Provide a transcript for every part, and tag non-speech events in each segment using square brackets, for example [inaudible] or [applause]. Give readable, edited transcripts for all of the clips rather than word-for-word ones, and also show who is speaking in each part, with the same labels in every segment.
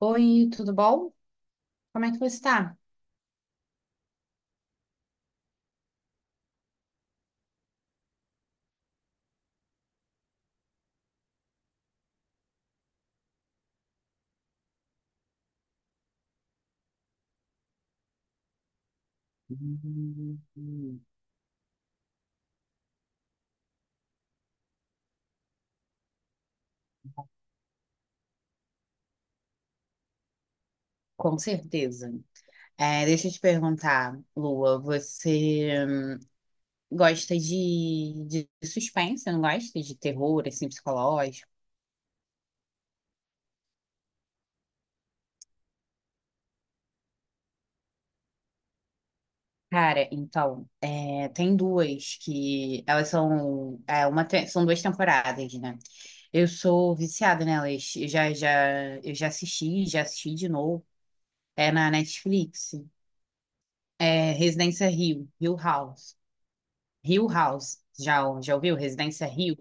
Speaker 1: Oi, tudo bom? Como é que você está? Hum. Com certeza. Deixa eu te perguntar, Lua, você gosta de suspense, não gosta de terror, assim, psicológico? Cara, então, tem duas que elas são, uma, são duas temporadas, né? Eu sou viciada nelas. Eu já assisti de novo. É na Netflix. É Residência Rio, Hill House. Hill House. Já ouviu? Residência Hill.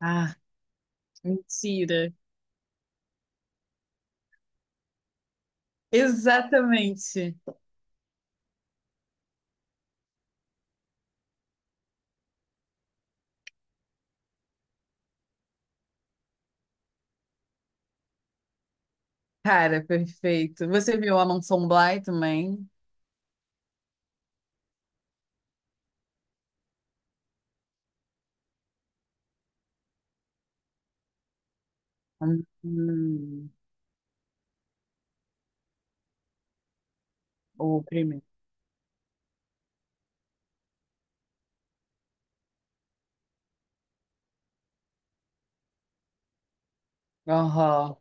Speaker 1: Ah, mentira. Exatamente. Cara, perfeito. Você viu a Mansão Bly também? Hum, o primeiro. Aham.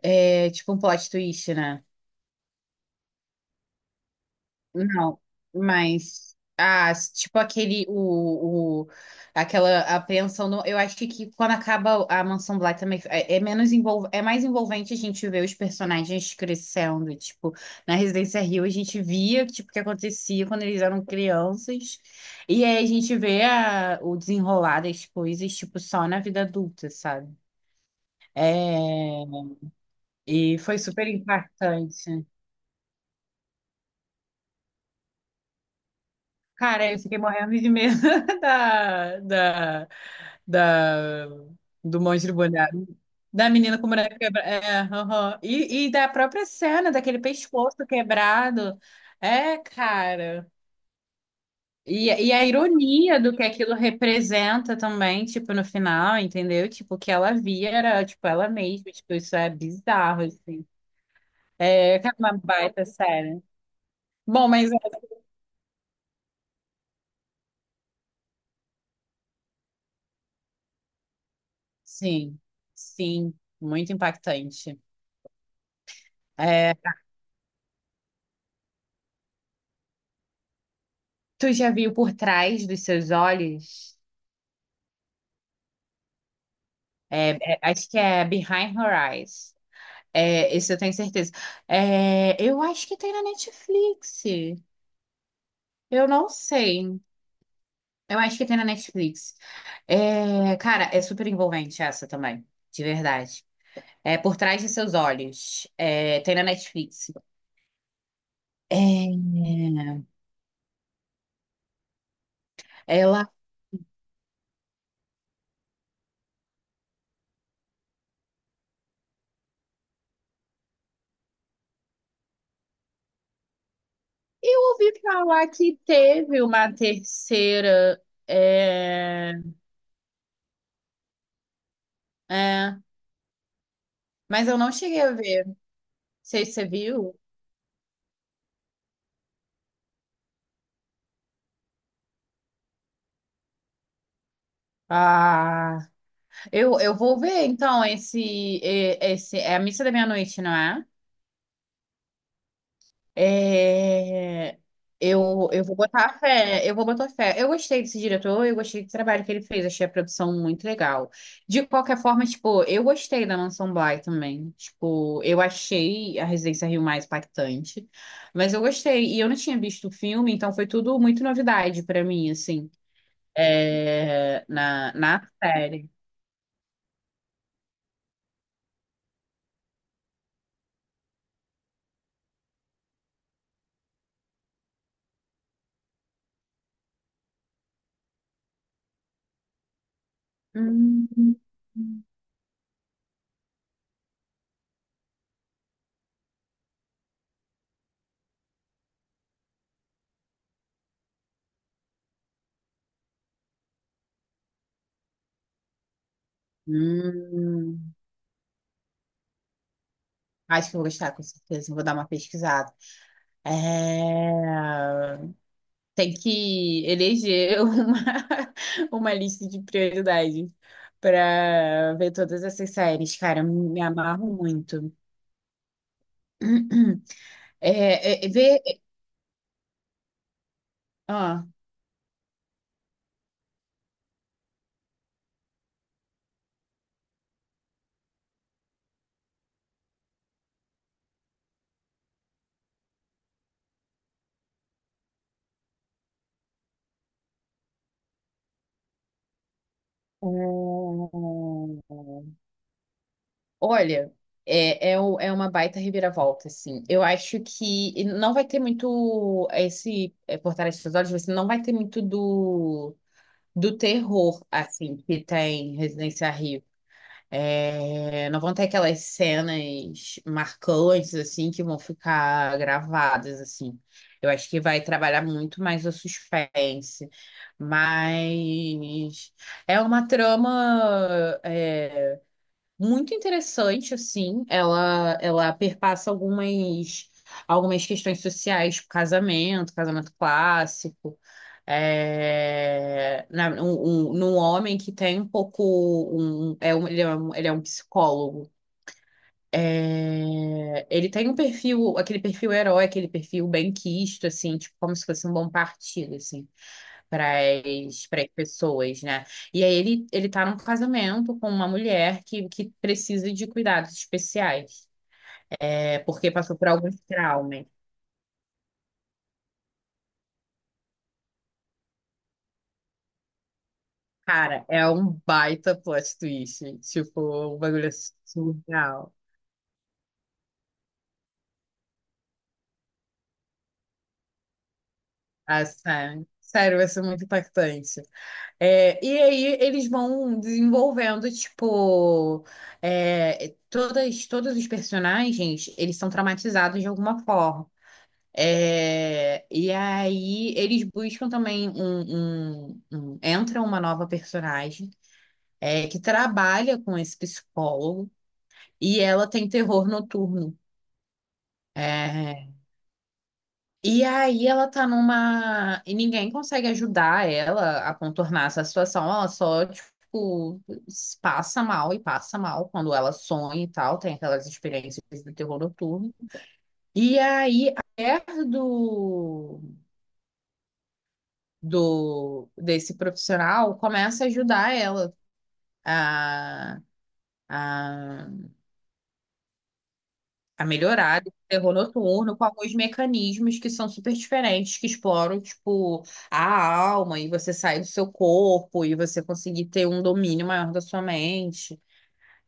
Speaker 1: É tipo um plot twist, né? Não, mas ah, tipo aquele o aquela apreensão no, eu acho que quando acaba a Mansão Bly também é é mais envolvente a gente ver os personagens crescendo, tipo, na Residência Rio a gente via tipo o que acontecia quando eles eram crianças e aí a gente vê o desenrolar das coisas tipo só na vida adulta, sabe? É, e foi super impactante. Cara, eu fiquei morrendo de medo [laughs] da, da, da, do monstro boneco. Da menina com o boneco quebrado. É, aham. E da própria cena, daquele pescoço quebrado. É, cara. E a ironia do que aquilo representa também, tipo, no final, entendeu? Tipo, o que ela via era, tipo, ela mesma. Tipo, isso é bizarro, assim. É, cara, uma baita série. Bom, mas... Sim, sim. Muito impactante. É. Tu já viu Por Trás dos Seus Olhos? Acho que é Behind Her Eyes. É, esse eu tenho certeza. É, eu acho que tem na Netflix. Eu não sei. Eu acho que tem na Netflix. É, cara, é super envolvente essa também, de verdade. É Por Trás de Seus Olhos. É, tem na Netflix. É, ela. Eu ouvi falar que teve uma terceira. É, é, mas eu não cheguei a ver. Sei se você viu. Ah, eu vou ver então esse, esse é a missa da meia-noite, não é? É, eu vou botar fé, eu vou botar fé. Eu gostei desse diretor, eu gostei do trabalho que ele fez, achei a produção muito legal. De qualquer forma, tipo, eu gostei da Mansão Bly também. Tipo, eu achei a Residência Rio mais impactante, mas eu gostei. E eu não tinha visto o filme, então foi tudo muito novidade pra mim, assim, na série. Hum, hum. Acho que eu vou gostar, com certeza. Vou dar uma pesquisada. É. Tem que eleger [laughs] uma lista de prioridades para ver todas essas séries, cara. Eu me amarro muito. [clears throat] Ver. Ah. Olha, é uma baita reviravolta, assim. Eu acho que não vai ter muito esse é, Por Trás dos Olhos, você não vai ter muito do terror, assim, que tem Residência Rio. É, não vão ter aquelas cenas marcantes, assim, que vão ficar gravadas, assim. Eu acho que vai trabalhar muito mais o suspense, mas é uma trama muito interessante, assim. Ela perpassa algumas questões sociais, tipo casamento, casamento clássico. Num homem que tem um pouco ele é um psicólogo. É, ele tem um perfil, aquele perfil herói, aquele perfil benquisto, assim, tipo, como se fosse um bom partido, assim para as pessoas, né? E aí ele tá num casamento com uma mulher que precisa de cuidados especiais, é, porque passou por alguns traumas. Cara, é um baita plot twist, tipo, um bagulho surreal, assim. Sério, vai ser muito impactante. É, e aí eles vão desenvolvendo, tipo, todos os personagens, eles são traumatizados de alguma forma. É, e aí eles buscam também entra uma nova personagem que trabalha com esse psicólogo e ela tem terror noturno. É, e aí ela tá numa e ninguém consegue ajudar ela a contornar essa situação. Ela só tipo passa mal e passa mal quando ela sonha e tal, tem aquelas experiências do terror noturno. E aí a mulher do desse profissional começa a ajudar ela a, a, a melhorar o terror noturno com alguns mecanismos que são super diferentes, que exploram, tipo, a alma e você sair do seu corpo e você conseguir ter um domínio maior da sua mente.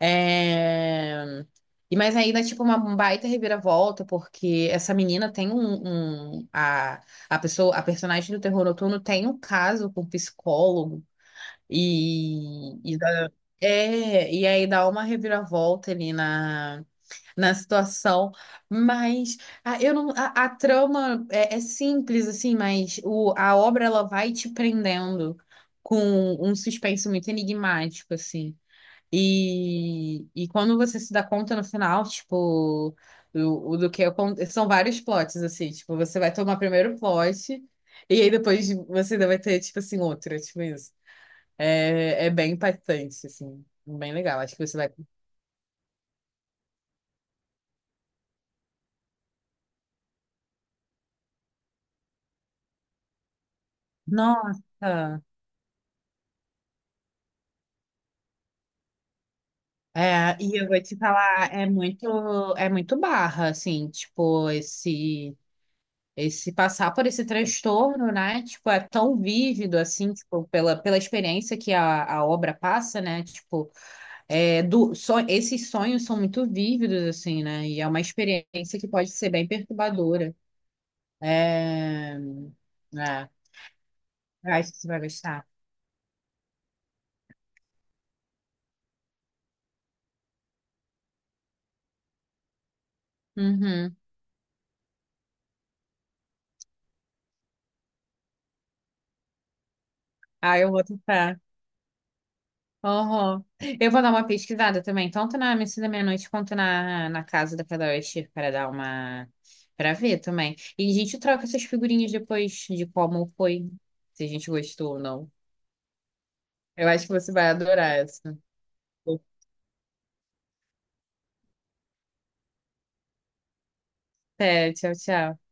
Speaker 1: É... E mas aí dá tipo, uma um baita reviravolta, porque essa menina tem a pessoa, a personagem do Terror Noturno tem um caso com um psicólogo. E, e dá- e aí dá uma reviravolta ali na situação, mas a, eu não, a trama é simples, assim, mas a obra ela vai te prendendo com um suspense muito enigmático, assim. E quando você se dá conta no final, tipo, o do que acon- são vários plots, assim, tipo, você vai tomar primeiro plot, e aí depois você ainda vai ter, tipo assim, outra, tipo isso. É, é bem impactante, assim. Bem legal. Acho que você vai. Nossa. É, e eu vou te falar, é muito barra, assim, tipo, esse passar por esse transtorno, né? Tipo, é tão vívido, assim, tipo, pela experiência que a obra passa, né? Tipo, é, do, so, esses sonhos são muito vívidos, assim, né? E é uma experiência que pode ser bem perturbadora. É, é, eu acho que você vai gostar. Uhum. Ah, eu vou tentar. Uhum. Eu vou dar uma pesquisada também, tanto na Missa da Meia-Noite quanto na Casa da Cadastro, para dar uma. Para ver também. E a gente troca essas figurinhas depois de como foi, se a gente gostou ou não. Eu acho que você vai adorar essa. É, tchau, tchau.